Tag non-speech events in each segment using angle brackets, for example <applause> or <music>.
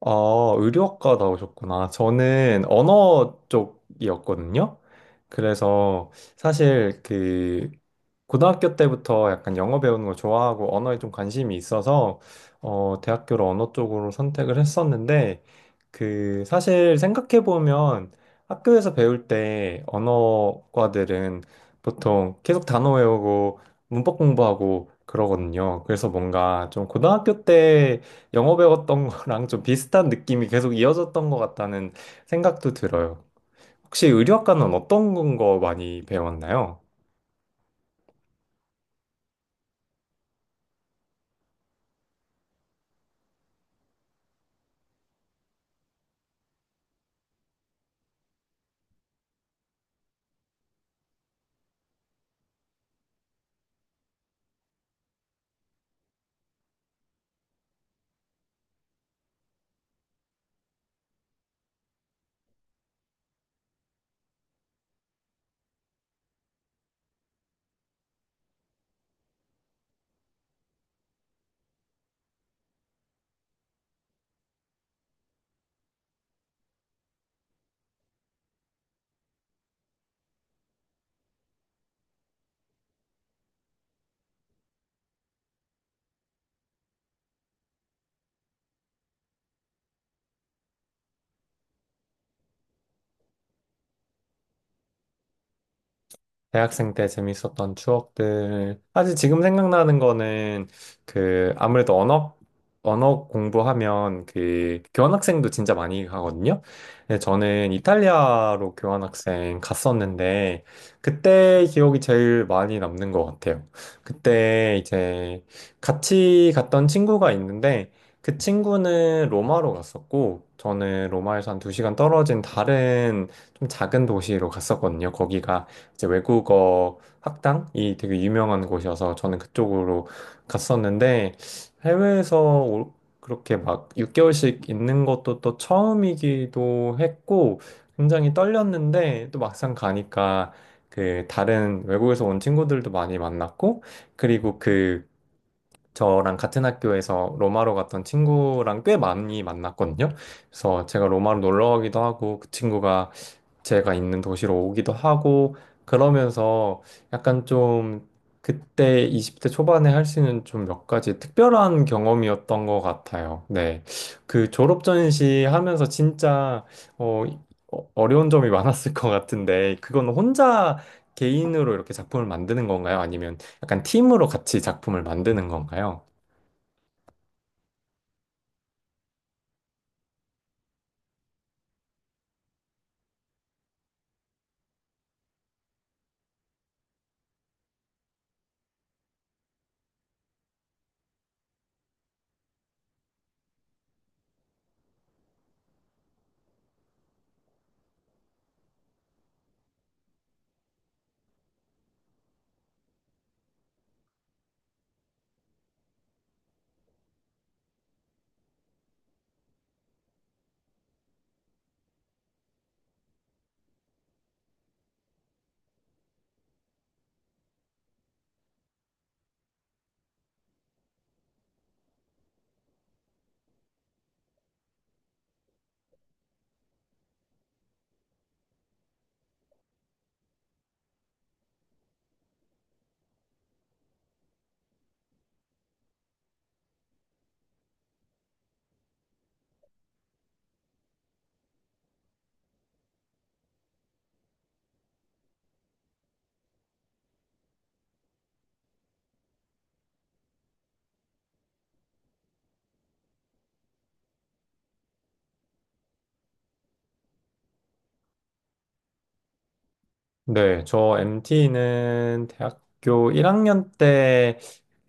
아, 의료학과 나오셨구나. 저는 언어 쪽이었거든요. 그래서 사실 그 고등학교 때부터 약간 영어 배우는 걸 좋아하고 언어에 좀 관심이 있어서 대학교를 언어 쪽으로 선택을 했었는데, 그 사실 생각해 보면 학교에서 배울 때 언어과들은 보통 계속 단어 외우고 문법 공부하고 그러거든요. 그래서 뭔가 좀 고등학교 때 영어 배웠던 거랑 좀 비슷한 느낌이 계속 이어졌던 것 같다는 생각도 들어요. 혹시 의료학과는 어떤 거 많이 배웠나요? 대학생 때 재밌었던 추억들. 사실 지금 생각나는 거는 그 아무래도 언어 공부하면 그 교환학생도 진짜 많이 가거든요. 근데 저는 이탈리아로 교환학생 갔었는데 그때 기억이 제일 많이 남는 것 같아요. 그때 이제 같이 갔던 친구가 있는데 그 친구는 로마로 갔었고, 저는 로마에서 한 두 시간 떨어진 다른 좀 작은 도시로 갔었거든요. 거기가 이제 외국어 학당이 되게 유명한 곳이어서 저는 그쪽으로 갔었는데, 해외에서 올- 그렇게 막 6개월씩 있는 것도 또 처음이기도 했고, 굉장히 떨렸는데 또 막상 가니까 그 다른 외국에서 온 친구들도 많이 만났고, 그리고 그 저랑 같은 학교에서 로마로 갔던 친구랑 꽤 많이 만났거든요. 그래서 제가 로마로 놀러 가기도 하고 그 친구가 제가 있는 도시로 오기도 하고, 그러면서 약간 좀 그때 20대 초반에 할 수 있는 좀 몇 가지 특별한 경험이었던 것 같아요. 네. 그 졸업 전시 하면서 진짜 어, 어려운 점이 <laughs> 많았을 것 같은데, 그건 혼자 개인으로 이렇게 작품을 만드는 건가요? 아니면 약간 팀으로 같이 작품을 만드는 건가요? 네, 저 MT는 대학교 1학년 때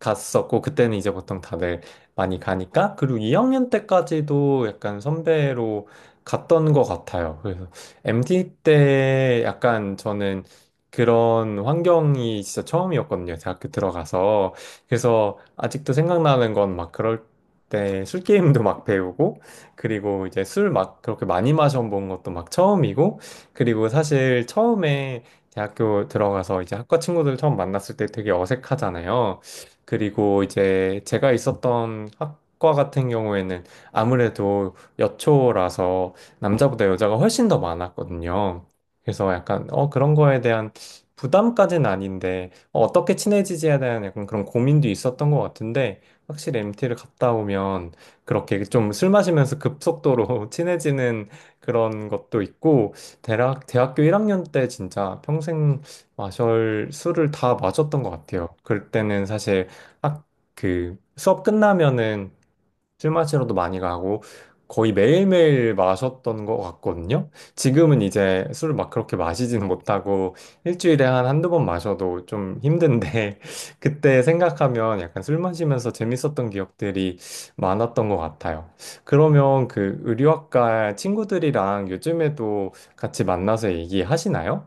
갔었고, 그때는 이제 보통 다들 많이 가니까, 그리고 2학년 때까지도 약간 선배로 갔던 것 같아요. 그래서 MT 때 약간 저는 그런 환경이 진짜 처음이었거든요. 대학교 들어가서. 그래서 아직도 생각나는 건 막 그럴 때 술게임도 막 배우고, 그리고 이제 술 막 그렇게 많이 마셔본 것도 막 처음이고, 그리고 사실 처음에 대학교 들어가서 이제 학과 친구들 처음 만났을 때 되게 어색하잖아요. 그리고 이제 제가 있었던 학과 같은 경우에는 아무래도 여초라서 남자보다 여자가 훨씬 더 많았거든요. 그래서 약간 어 그런 거에 대한 부담까지는 아닌데, 어, 떻게 친해지지에 대한 약간 그런 고민도 있었던 것 같은데, 확실히 MT를 갔다 오면 그렇게 좀 술 마시면서 급속도로 <laughs> 친해지는 그런 것도 있고, 대학교 1학년 때 진짜 평생 마셜 술을 다 마셨던 것 같아요. 그때는 사실 학, 그 수업 끝나면은 술 마시러도 많이 가고 거의 매일매일 마셨던 것 같거든요. 지금은 이제 술을 막 그렇게 마시지는 못하고 일주일에 한 한두 번 마셔도 좀 힘든데 <laughs> 그때 생각하면 약간 술 마시면서 재밌었던 기억들이 많았던 것 같아요. 그러면 그 의류학과 친구들이랑 요즘에도 같이 만나서 얘기하시나요?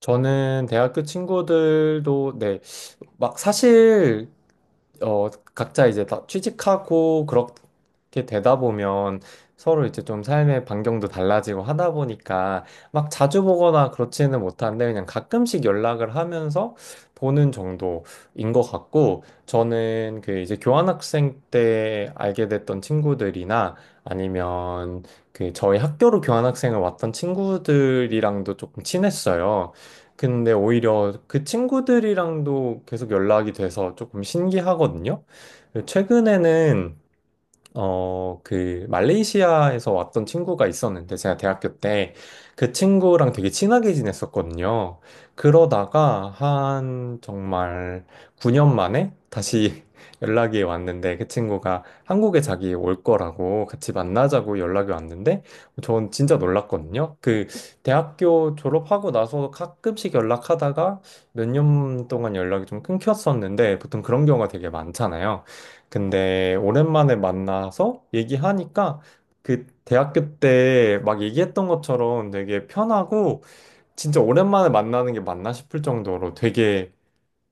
저는 대학교 친구들도 네, 막 사실 어, 각자 이제 다 취직하고 그렇게 되다 보면 서로 이제 좀 삶의 반경도 달라지고 하다 보니까 막 자주 보거나 그렇지는 못한데, 그냥 가끔씩 연락을 하면서 보는 정도인 것 같고, 저는 그 이제 교환학생 때 알게 됐던 친구들이나 아니면 그 저희 학교로 교환학생을 왔던 친구들이랑도 조금 친했어요. 근데 오히려 그 친구들이랑도 계속 연락이 돼서 조금 신기하거든요. 최근에는 말레이시아에서 왔던 친구가 있었는데, 제가 대학교 때 그 친구랑 되게 친하게 지냈었거든요. 그러다가 한 정말 9년 만에 다시 <laughs> 연락이 왔는데, 그 친구가 한국에 자기 올 거라고 같이 만나자고 연락이 왔는데, 전 진짜 놀랐거든요. 그, 대학교 졸업하고 나서 가끔씩 연락하다가 몇 년 동안 연락이 좀 끊겼었는데, 보통 그런 경우가 되게 많잖아요. 근데 오랜만에 만나서 얘기하니까 그 대학교 때 막 얘기했던 것처럼 되게 편하고, 진짜 오랜만에 만나는 게 맞나 싶을 정도로 되게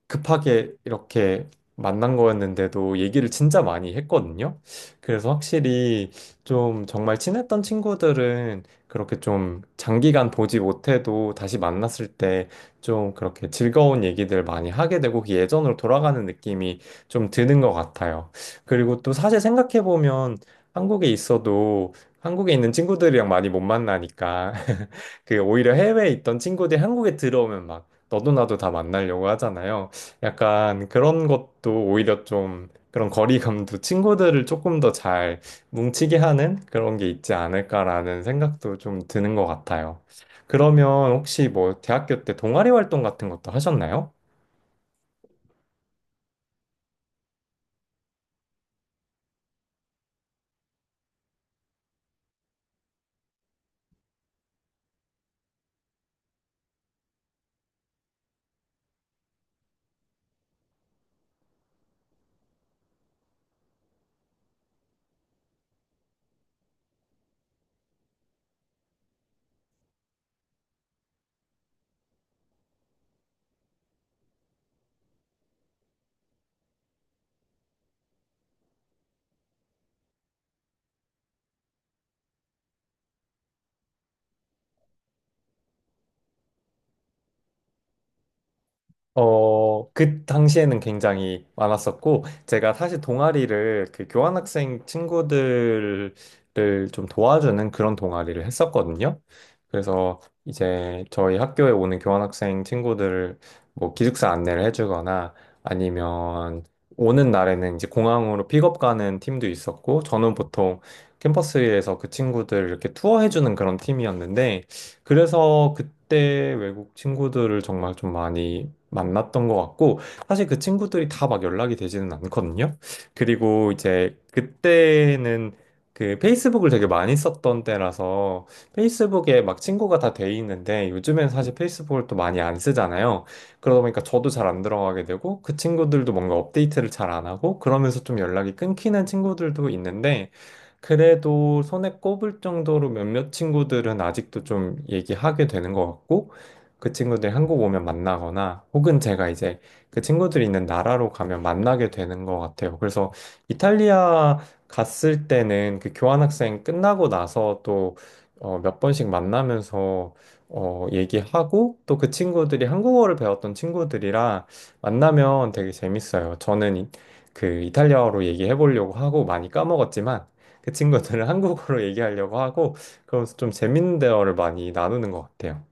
급하게 이렇게 만난 거였는데도 얘기를 진짜 많이 했거든요. 그래서 확실히 좀 정말 친했던 친구들은 그렇게 좀 장기간 보지 못해도 다시 만났을 때 좀 그렇게 즐거운 얘기들 많이 하게 되고, 그 예전으로 돌아가는 느낌이 좀 드는 것 같아요. 그리고 또 사실 생각해보면 한국에 있어도 한국에 있는 친구들이랑 많이 못 만나니까 <laughs> 그 오히려 해외에 있던 친구들이 한국에 들어오면 막 너도 나도 다 만나려고 하잖아요. 약간 그런 것도, 오히려 좀 그런 거리감도 친구들을 조금 더 잘 뭉치게 하는 그런 게 있지 않을까라는 생각도 좀 드는 것 같아요. 그러면 혹시 뭐 대학교 때 동아리 활동 같은 것도 하셨나요? 그 당시에는 굉장히 많았었고, 제가 사실 동아리를, 그 교환학생 친구들을 좀 도와주는 그런 동아리를 했었거든요. 그래서 이제 저희 학교에 오는 교환학생 친구들을 뭐 기숙사 안내를 해주거나, 아니면 오는 날에는 이제 공항으로 픽업 가는 팀도 있었고, 저는 보통 캠퍼스에서 그 친구들 이렇게 투어해주는 그런 팀이었는데, 그래서 그때 외국 친구들을 정말 좀 많이 만났던 것 같고, 사실 그 친구들이 다 막 연락이 되지는 않거든요. 그리고 이제 그때는 그 페이스북을 되게 많이 썼던 때라서 페이스북에 막 친구가 다 돼 있는데, 요즘엔 사실 페이스북을 또 많이 안 쓰잖아요. 그러다 보니까 저도 잘 안 들어가게 되고 그 친구들도 뭔가 업데이트를 잘 안 하고 그러면서 좀 연락이 끊기는 친구들도 있는데, 그래도 손에 꼽을 정도로 몇몇 친구들은 아직도 좀 얘기하게 되는 것 같고, 그 친구들이 한국 오면 만나거나, 혹은 제가 이제 그 친구들이 있는 나라로 가면 만나게 되는 것 같아요. 그래서 이탈리아 갔을 때는 그 교환학생 끝나고 나서 또 몇 번씩 만나면서 얘기하고, 또 그 친구들이 한국어를 배웠던 친구들이랑 만나면 되게 재밌어요. 저는 그 이탈리아어로 얘기해 보려고 하고 많이 까먹었지만, 그 친구들은 <laughs> 한국어로 얘기하려고 하고, 그러면서 좀 재밌는 대화를 많이 나누는 것 같아요.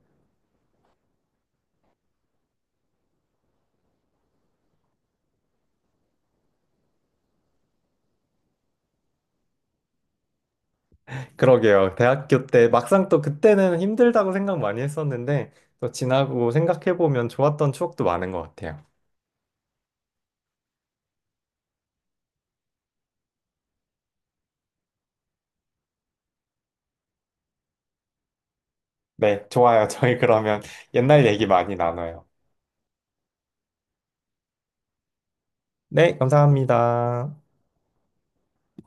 그러게요. 대학교 때 막상 또 그때는 힘들다고 생각 많이 했었는데, 또 지나고 생각해보면 좋았던 추억도 많은 것 같아요. 네, 좋아요. 저희 그러면 <laughs> 옛날 얘기 많이 나눠요. 네, 감사합니다.